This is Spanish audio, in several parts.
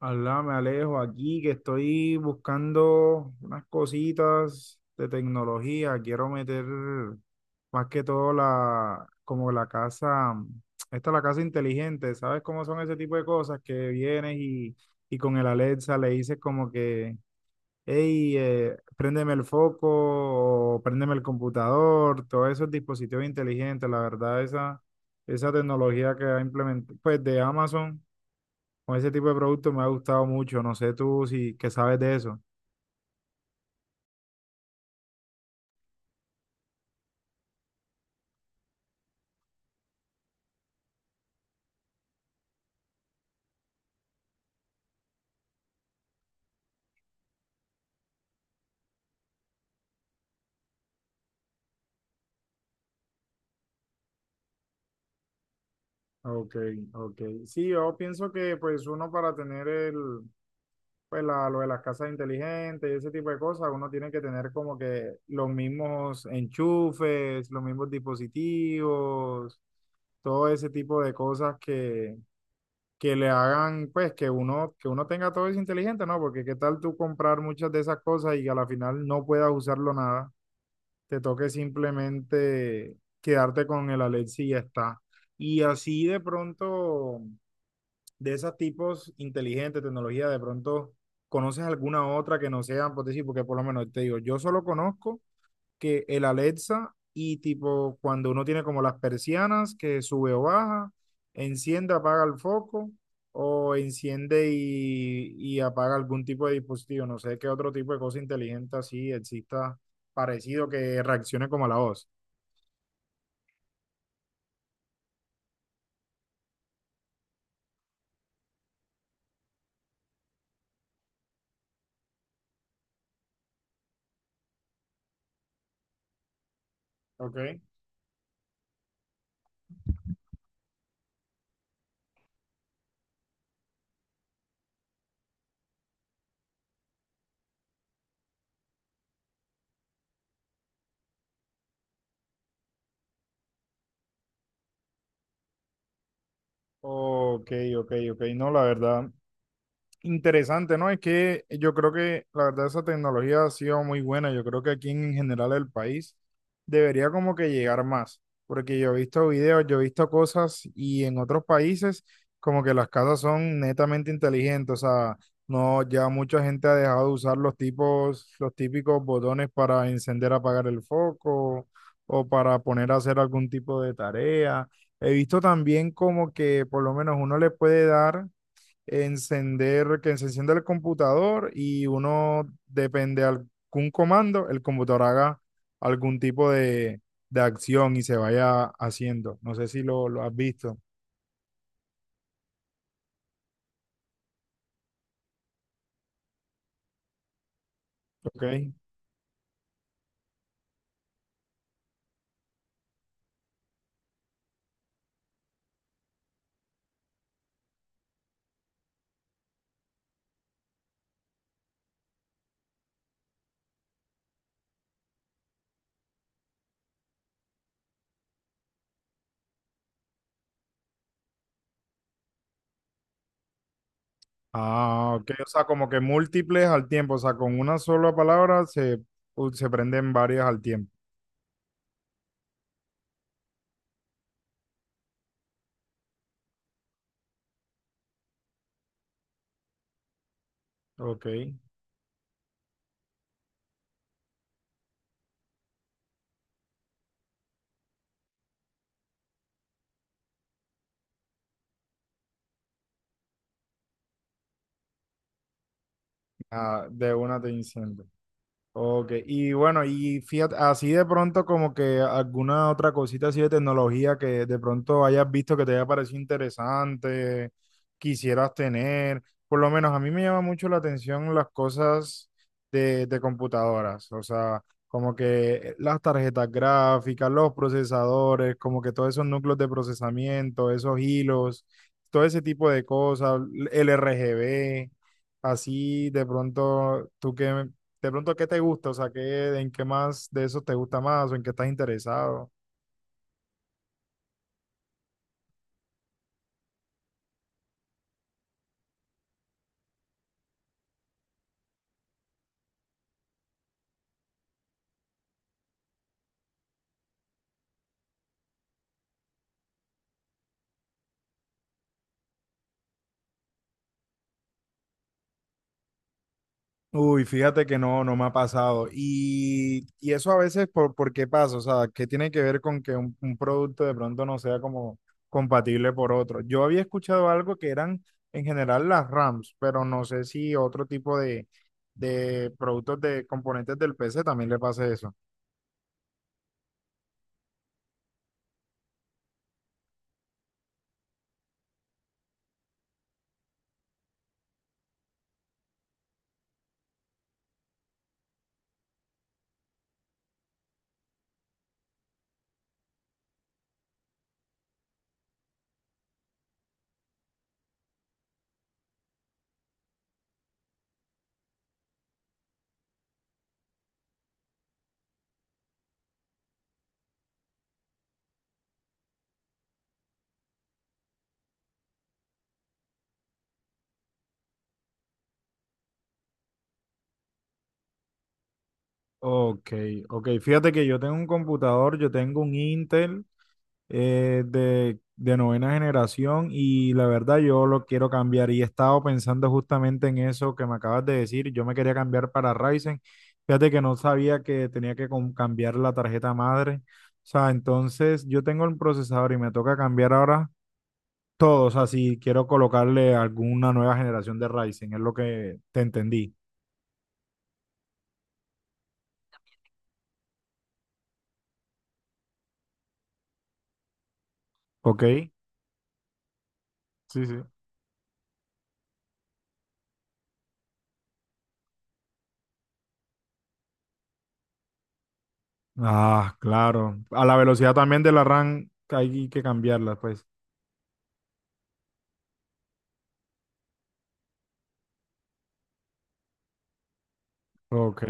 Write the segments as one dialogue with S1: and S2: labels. S1: Alá, me alejo aquí que estoy buscando unas cositas de tecnología. Quiero meter más que todo como la casa, esta es la casa inteligente. ¿Sabes cómo son ese tipo de cosas? Que vienes y con el Alexa le dices como que, hey, préndeme el foco, o préndeme el computador, todos esos dispositivos inteligentes. La verdad, esa tecnología que ha implementado, pues de Amazon. Con ese tipo de productos me ha gustado mucho. No sé tú si que sabes de eso. Ok, ok. Sí, yo pienso que pues uno para tener pues lo de las casas inteligentes y ese tipo de cosas, uno tiene que tener como que los mismos enchufes, los mismos dispositivos, todo ese tipo de cosas que le hagan pues que uno tenga todo eso inteligente, ¿no? Porque qué tal tú comprar muchas de esas cosas y a la final no puedas usarlo nada. Te toque simplemente quedarte con el Alexi y ya está. Y así de pronto, de esos tipos inteligentes, tecnología, de pronto conoces alguna otra que no sea, por decir, porque por lo menos te digo, yo solo conozco que el Alexa y tipo cuando uno tiene como las persianas que sube o baja, enciende, apaga el foco o enciende y apaga algún tipo de dispositivo. No sé qué otro tipo de cosa inteligente así exista parecido que reaccione como a la voz. Ok, ok, ok, ok. No, la verdad, interesante, ¿no? Es que yo creo que la verdad esa tecnología ha sido muy buena. Yo creo que aquí en general el país debería como que llegar más, porque yo he visto videos, yo he visto cosas y en otros países como que las casas son netamente inteligentes, o sea, no, ya mucha gente ha dejado de usar los tipos, los típicos botones para encender, apagar el foco o para poner a hacer algún tipo de tarea. He visto también como que por lo menos uno le puede dar encender, que se encienda el computador y uno depende de algún comando, el computador haga algún tipo de acción y se vaya haciendo. No sé si lo has visto. ¿Ok? Ah, ok, o sea, como que múltiples al tiempo, o sea, con una sola palabra se prenden varias al tiempo. ¿Ok? Ah, de una te enciendo. Ok, y bueno, y fíjate, así de pronto como que alguna otra cosita así de tecnología que de pronto hayas visto que te haya parecido interesante, quisieras tener, por lo menos a mí me llama mucho la atención las cosas de computadoras, o sea, como que las tarjetas gráficas, los procesadores, como que todos esos núcleos de procesamiento, esos hilos, todo ese tipo de cosas, el RGB, así de pronto, ¿tú qué? De pronto, ¿qué te gusta? O sea, ¿qué, en qué más de eso te gusta más o en qué estás interesado? Uy, fíjate que no, no me ha pasado. Y eso a veces, ¿por qué pasa? O sea, ¿qué tiene que ver con que un producto de pronto no sea como compatible por otro? Yo había escuchado algo que eran en general las RAMs, pero no sé si otro tipo de productos de componentes del PC también le pasa eso. Ok, ok. Fíjate que yo tengo un computador, yo tengo un Intel de novena generación, y la verdad yo lo quiero cambiar y he estado pensando justamente en eso que me acabas de decir. Yo me quería cambiar para Ryzen, fíjate que no sabía que tenía que cambiar la tarjeta madre. O sea, entonces yo tengo el procesador y me toca cambiar ahora todo. O sea, si quiero colocarle alguna nueva generación de Ryzen, es lo que te entendí. ¿Ok? Sí, sí. Ah, claro, a la velocidad también de la RAM hay que cambiarla, pues. Ok.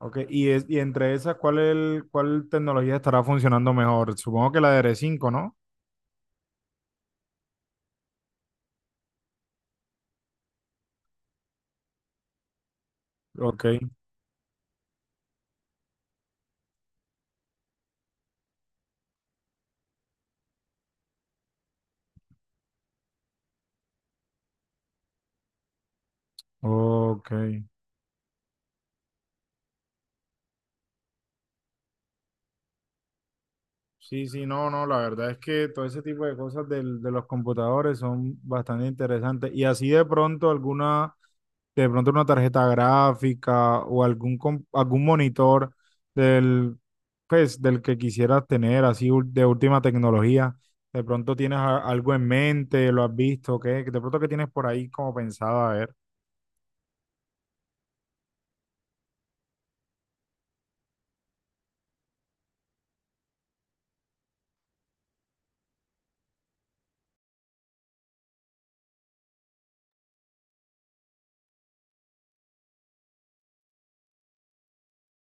S1: Ok, y entre esas, ¿cuál tecnología estará funcionando mejor? Supongo que la de R5, ¿no? Ok, ok. Sí, sí, no, no, la verdad es que todo ese tipo de cosas de los computadores son bastante interesantes. Y así de pronto alguna, de pronto una tarjeta gráfica o algún monitor del, del que quisieras tener, así de última tecnología. De pronto tienes algo en mente, lo has visto, ¿qué? De pronto que tienes por ahí como pensado, a ver.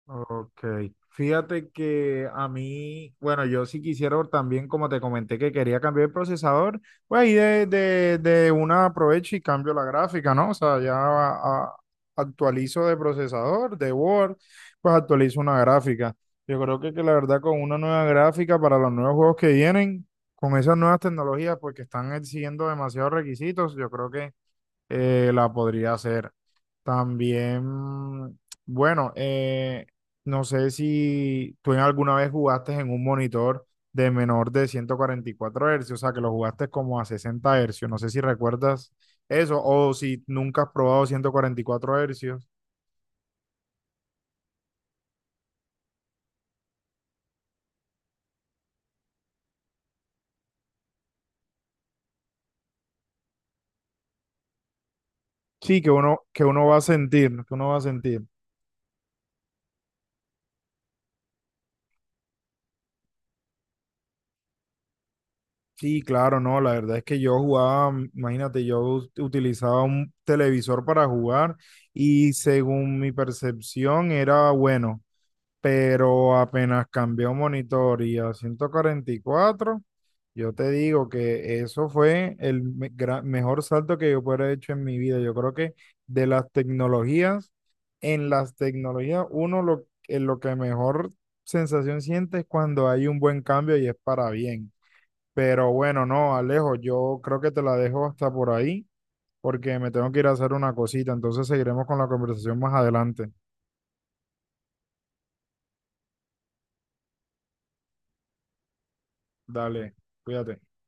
S1: Ok, fíjate que a mí, bueno, yo sí quisiera también, como te comenté que quería cambiar el procesador, pues ahí de una aprovecho y cambio la gráfica, ¿no? O sea, ya actualizo de procesador, de Word, pues actualizo una gráfica. Yo creo que la verdad con una nueva gráfica para los nuevos juegos que vienen, con esas nuevas tecnologías, pues que están exigiendo demasiados requisitos, yo creo que la podría hacer. También, bueno, no sé si tú en alguna vez jugaste en un monitor de menor de 144 Hz, o sea, que lo jugaste como a 60 Hz. No sé si recuerdas eso o si nunca has probado 144 Hz. Sí, que uno va a sentir, que uno va a sentir. Sí, claro, no, la verdad es que yo jugaba, imagínate, yo utilizaba un televisor para jugar y según mi percepción era bueno, pero apenas cambió monitor y a 144, yo te digo que eso fue el mejor salto que yo pudiera haber hecho en mi vida. Yo creo que de las tecnologías, en las tecnologías, uno en lo que mejor sensación siente es cuando hay un buen cambio y es para bien. Pero bueno, no, Alejo, yo creo que te la dejo hasta por ahí, porque me tengo que ir a hacer una cosita, entonces seguiremos con la conversación más adelante. Dale, cuídate.